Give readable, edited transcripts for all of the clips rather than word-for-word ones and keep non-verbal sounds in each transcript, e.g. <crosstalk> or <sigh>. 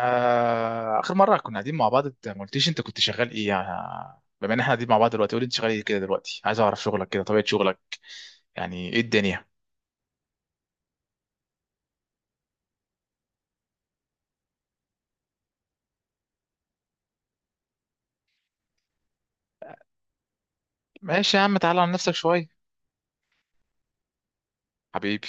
اخر مره كنا قاعدين مع بعض، انت ما قلتيش انت كنت شغال ايه يعني. بما ان احنا قاعدين مع بعض دلوقتي، قولي انت شغال ايه كده دلوقتي، عايز اعرف شغلك كده، طبيعه شغلك يعني ايه الدنيا. ماشي يا عم، تعالى عن نفسك شويه. حبيبي.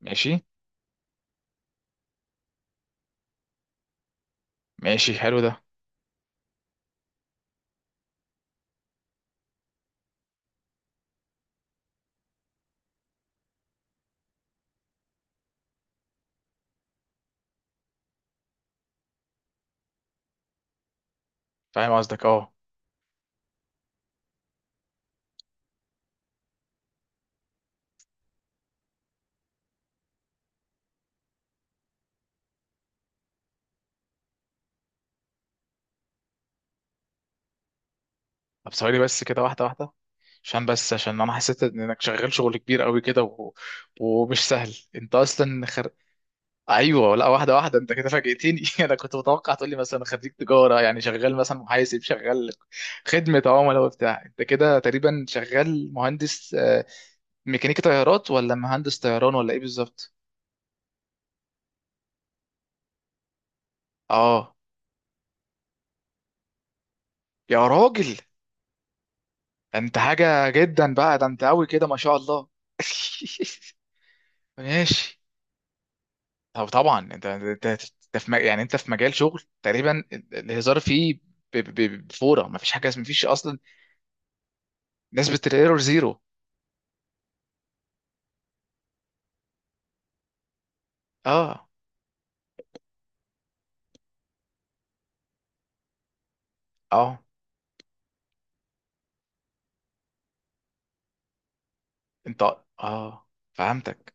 ماشي. ماشي حلو ده. فاهم قصدك اه. طب ثواني بس كده، واحده واحده. عشان بس، عشان انا حسيت انك شغال شغل كبير قوي كده، ومش سهل انت اصلا ايوه، لا واحده واحده، انت كده فاجئتني <laughs> انا كنت متوقع تقول لي مثلا خريج تجاره يعني شغال مثلا محاسب، شغال خدمه عملاء وبتاع. انت كده تقريبا شغال مهندس، ميكانيكي طيارات، ولا مهندس طيران، ولا ايه بالظبط؟ اه. يا راجل، ده انت حاجه جدا بقى، ده انت قوي كده ما شاء الله. <laughs> ماشي. طب طبعا انت يعني انت في مجال شغل تقريبا الهزار فيه، بفوره، ما فيش حاجه، ما فيش اصلا. نسبه الايرور زيرو. اه. اه. انت. اه فهمتك.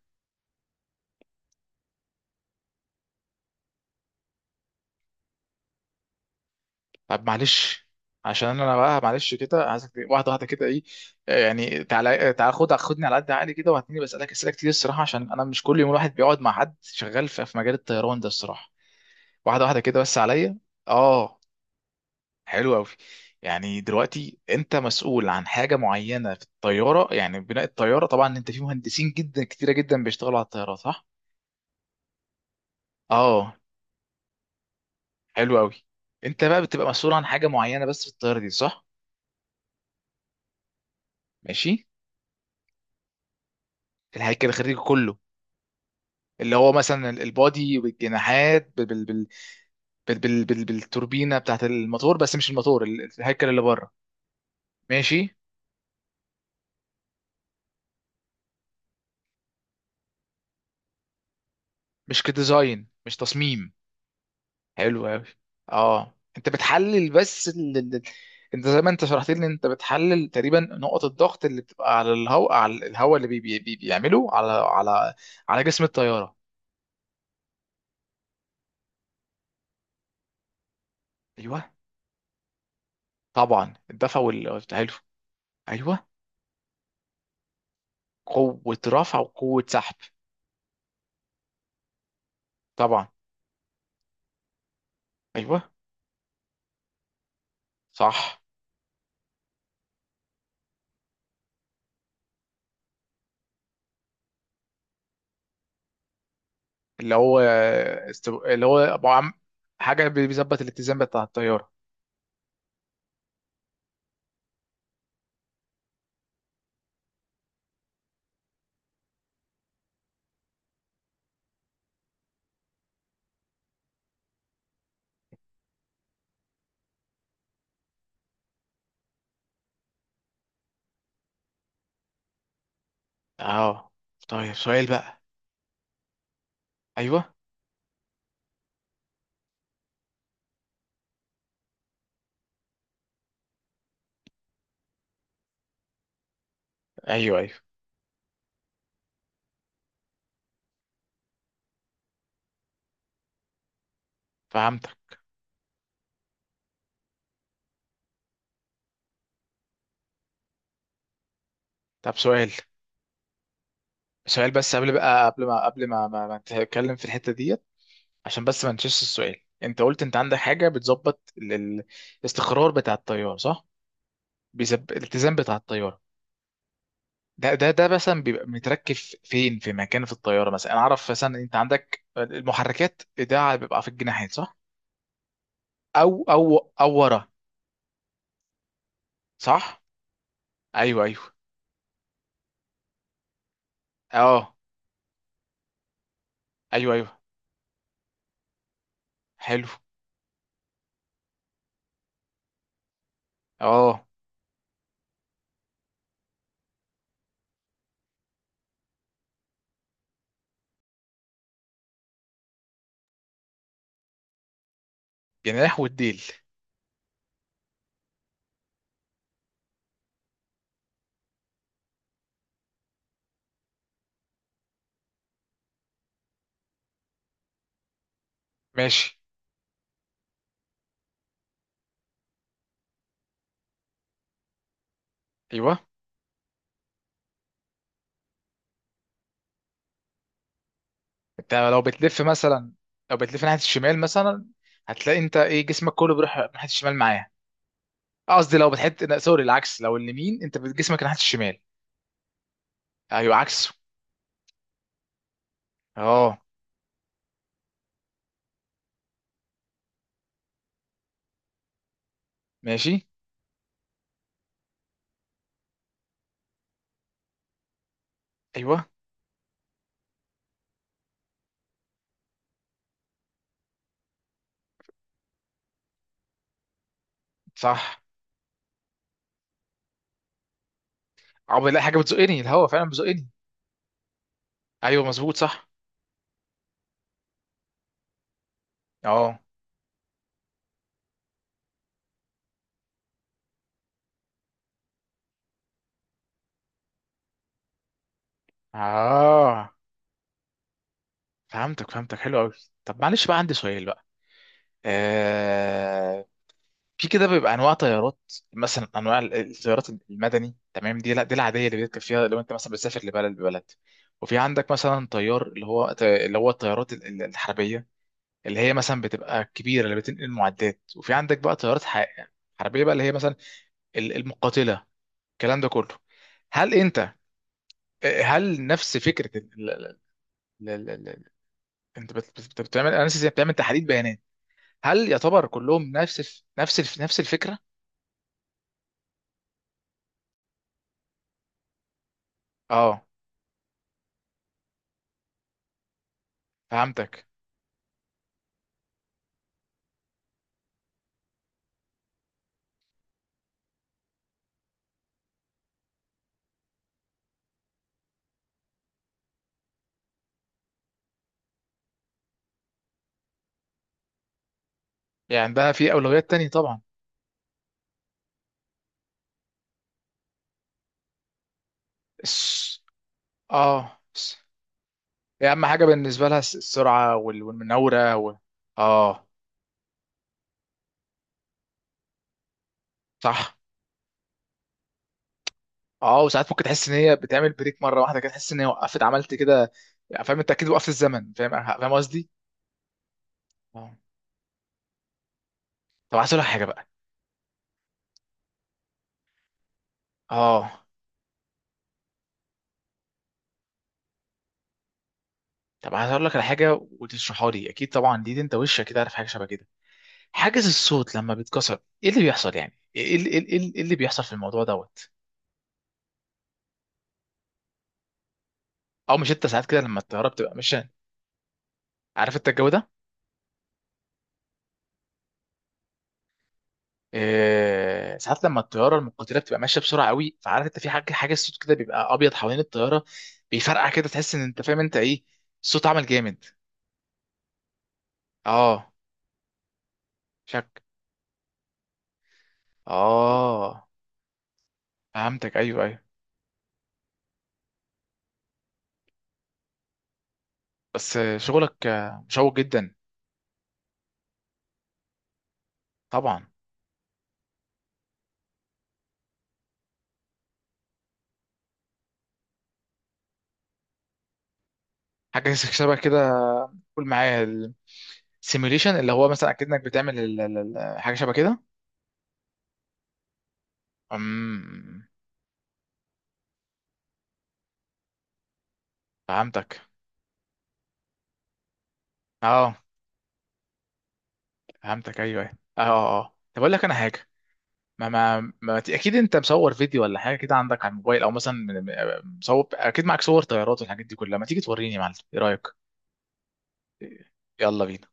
طب معلش، عشان انا بقى معلش كده عايزك واحده واحده كده. ايه يعني تعالى، تعالى خدني على قد عقلي كده، وهتني بسالك اسئله كتير الصراحه، عشان انا مش كل يوم الواحد بيقعد مع حد شغال في مجال الطيران ده الصراحه. واحده واحده كده بس عليا. اه. حلو قوي. يعني دلوقتي انت مسؤول عن حاجه معينه في الطياره؟ يعني بناء الطياره طبعا انت في مهندسين جدا كتيره جدا بيشتغلوا على الطياره، صح؟ اه. حلو قوي. انت بقى بتبقى مسؤول عن حاجه معينه بس في الطياره دي، صح؟ ماشي. الهيكل الخارجي كله. اللي هو مثلا البادي بالجناحات، بالتوربينه بتاعت الموتور، بس مش الموتور، الهيكل اللي بره. ماشي. مش كديزاين، مش تصميم. حلو قوي. اه انت بتحلل بس انت زي ما انت شرحت لي، انت بتحلل تقريبا نقط الضغط اللي بتبقى على الهواء، على الهواء اللي بيعمله على على جسم الطياره. ايوه. طبعا الدفع وال، حلو. ايوه. قوه رفع وقوه سحب. طبعا. ايوه. صح. اللي هو اللي هو حاجة بيظبط الاتزان بتاع الطيارة. اه. طيب سؤال بقى. ايوه. ايوه. ايوه فهمتك. طب سؤال، سؤال بس قبل بقى، قبل ما، قبل ما نتكلم في الحتة ديت، عشان بس ما نشيش السؤال. انت قلت انت عندك حاجة بتظبط الاستقرار بتاع الطيارة، صح؟ الاتزان بتاع الطيارة. ده مثلا بيبقى متركب فين، في مكان في الطيارة؟ مثلا انا اعرف مثلا انت عندك المحركات، ده بيبقى في الجناحات صح؟ او ورا. صح. ايوه ايوه. اه. ايوه ايوه. حلو. اه. جناح والديل. ماشي. ايوه. انت لو بتلف مثلا، لو بتلف ناحيه الشمال مثلا، هتلاقي انت ايه، جسمك كله بيروح ناحيه الشمال معاه. قصدي لو بتحط، لا سوري العكس، لو اليمين انت جسمك ناحيه الشمال. ايوه عكسه. اه. ماشي. ايوه. صح. عقبال الاقي حاجه بتزقني، الهوا فعلا بيزقني. ايوه مظبوط، صح. اه. اه فهمتك، فهمتك حلو قوي. طب معلش بقى، عندي سؤال بقى. آه... في كده بيبقى انواع طيارات. مثلا انواع الطيارات المدني، تمام؟ دي لا، دي العاديه اللي بيركب فيها لو انت مثلا بتسافر لبلد ببلد. وفي عندك مثلا طيار، اللي هو الطيارات الحربيه، اللي هي مثلا بتبقى كبيره اللي بتنقل معدات. وفي عندك بقى طيارات حربيه بقى، اللي هي مثلا المقاتله، الكلام ده كله. هل انت، هل نفس فكره ال- ال- ال- انت بتعمل، انا نسيت، بتعمل تحليل بيانات، هل يعتبر كلهم نفس نفس نفس الفكره؟ اه فهمتك. يعني عندها في أولويات تانية طبعا. الس... اه هي أهم حاجة بالنسبة لها السرعة والمناورة اه. صح. اه. وساعات ممكن تحس إن هي بتعمل بريك مرة واحدة كده، تحس إن هي وقفت عملت كده يعني. فاهم أنت أكيد، وقفت الزمن، فاهم فاهم قصدي؟ اه. طب عايز أقول لك حاجة بقى. اه. طب عايز أقول لك على حاجة وتشرحها لي، أكيد طبعا دي أنت وشك كده عارف حاجة شبه كده. حاجز الصوت لما بيتكسر إيه اللي بيحصل يعني؟ إيه إيه اللي بيحصل في الموضوع دوت؟ أو مش أنت ساعات كده لما الطيارة بتبقى ماشية، عارف أنت الجو ده؟ ساعات لما الطياره المقاتله بتبقى ماشيه بسرعه قوي، فعارف انت في حاجه، حاجه الصوت كده بيبقى ابيض حوالين الطياره، بيفرقع كده، تحس ان انت فاهم انت ايه، الصوت عمل جامد. اه. شك. اه فهمتك. ايوه ايوه. بس شغلك مشوق جدا. طبعا. حاجه <laughs> شبه كده. قول معايا، السيميوليشن، اللي هو مثلا اكيد انك بتعمل حاجه شبه كده. امم. فهمتك. اه فهمتك. ايوه ايوه. اه. اه. طب اقول لك انا حاجه. ما ما, ما ت- اكيد انت مصور فيديو ولا حاجه كده عندك على الموبايل، او مثلا مصور، اكيد معاك صور طيارات والحاجات دي كلها، ما تيجي توريني يا معلم، ايه رايك؟ يلا بينا.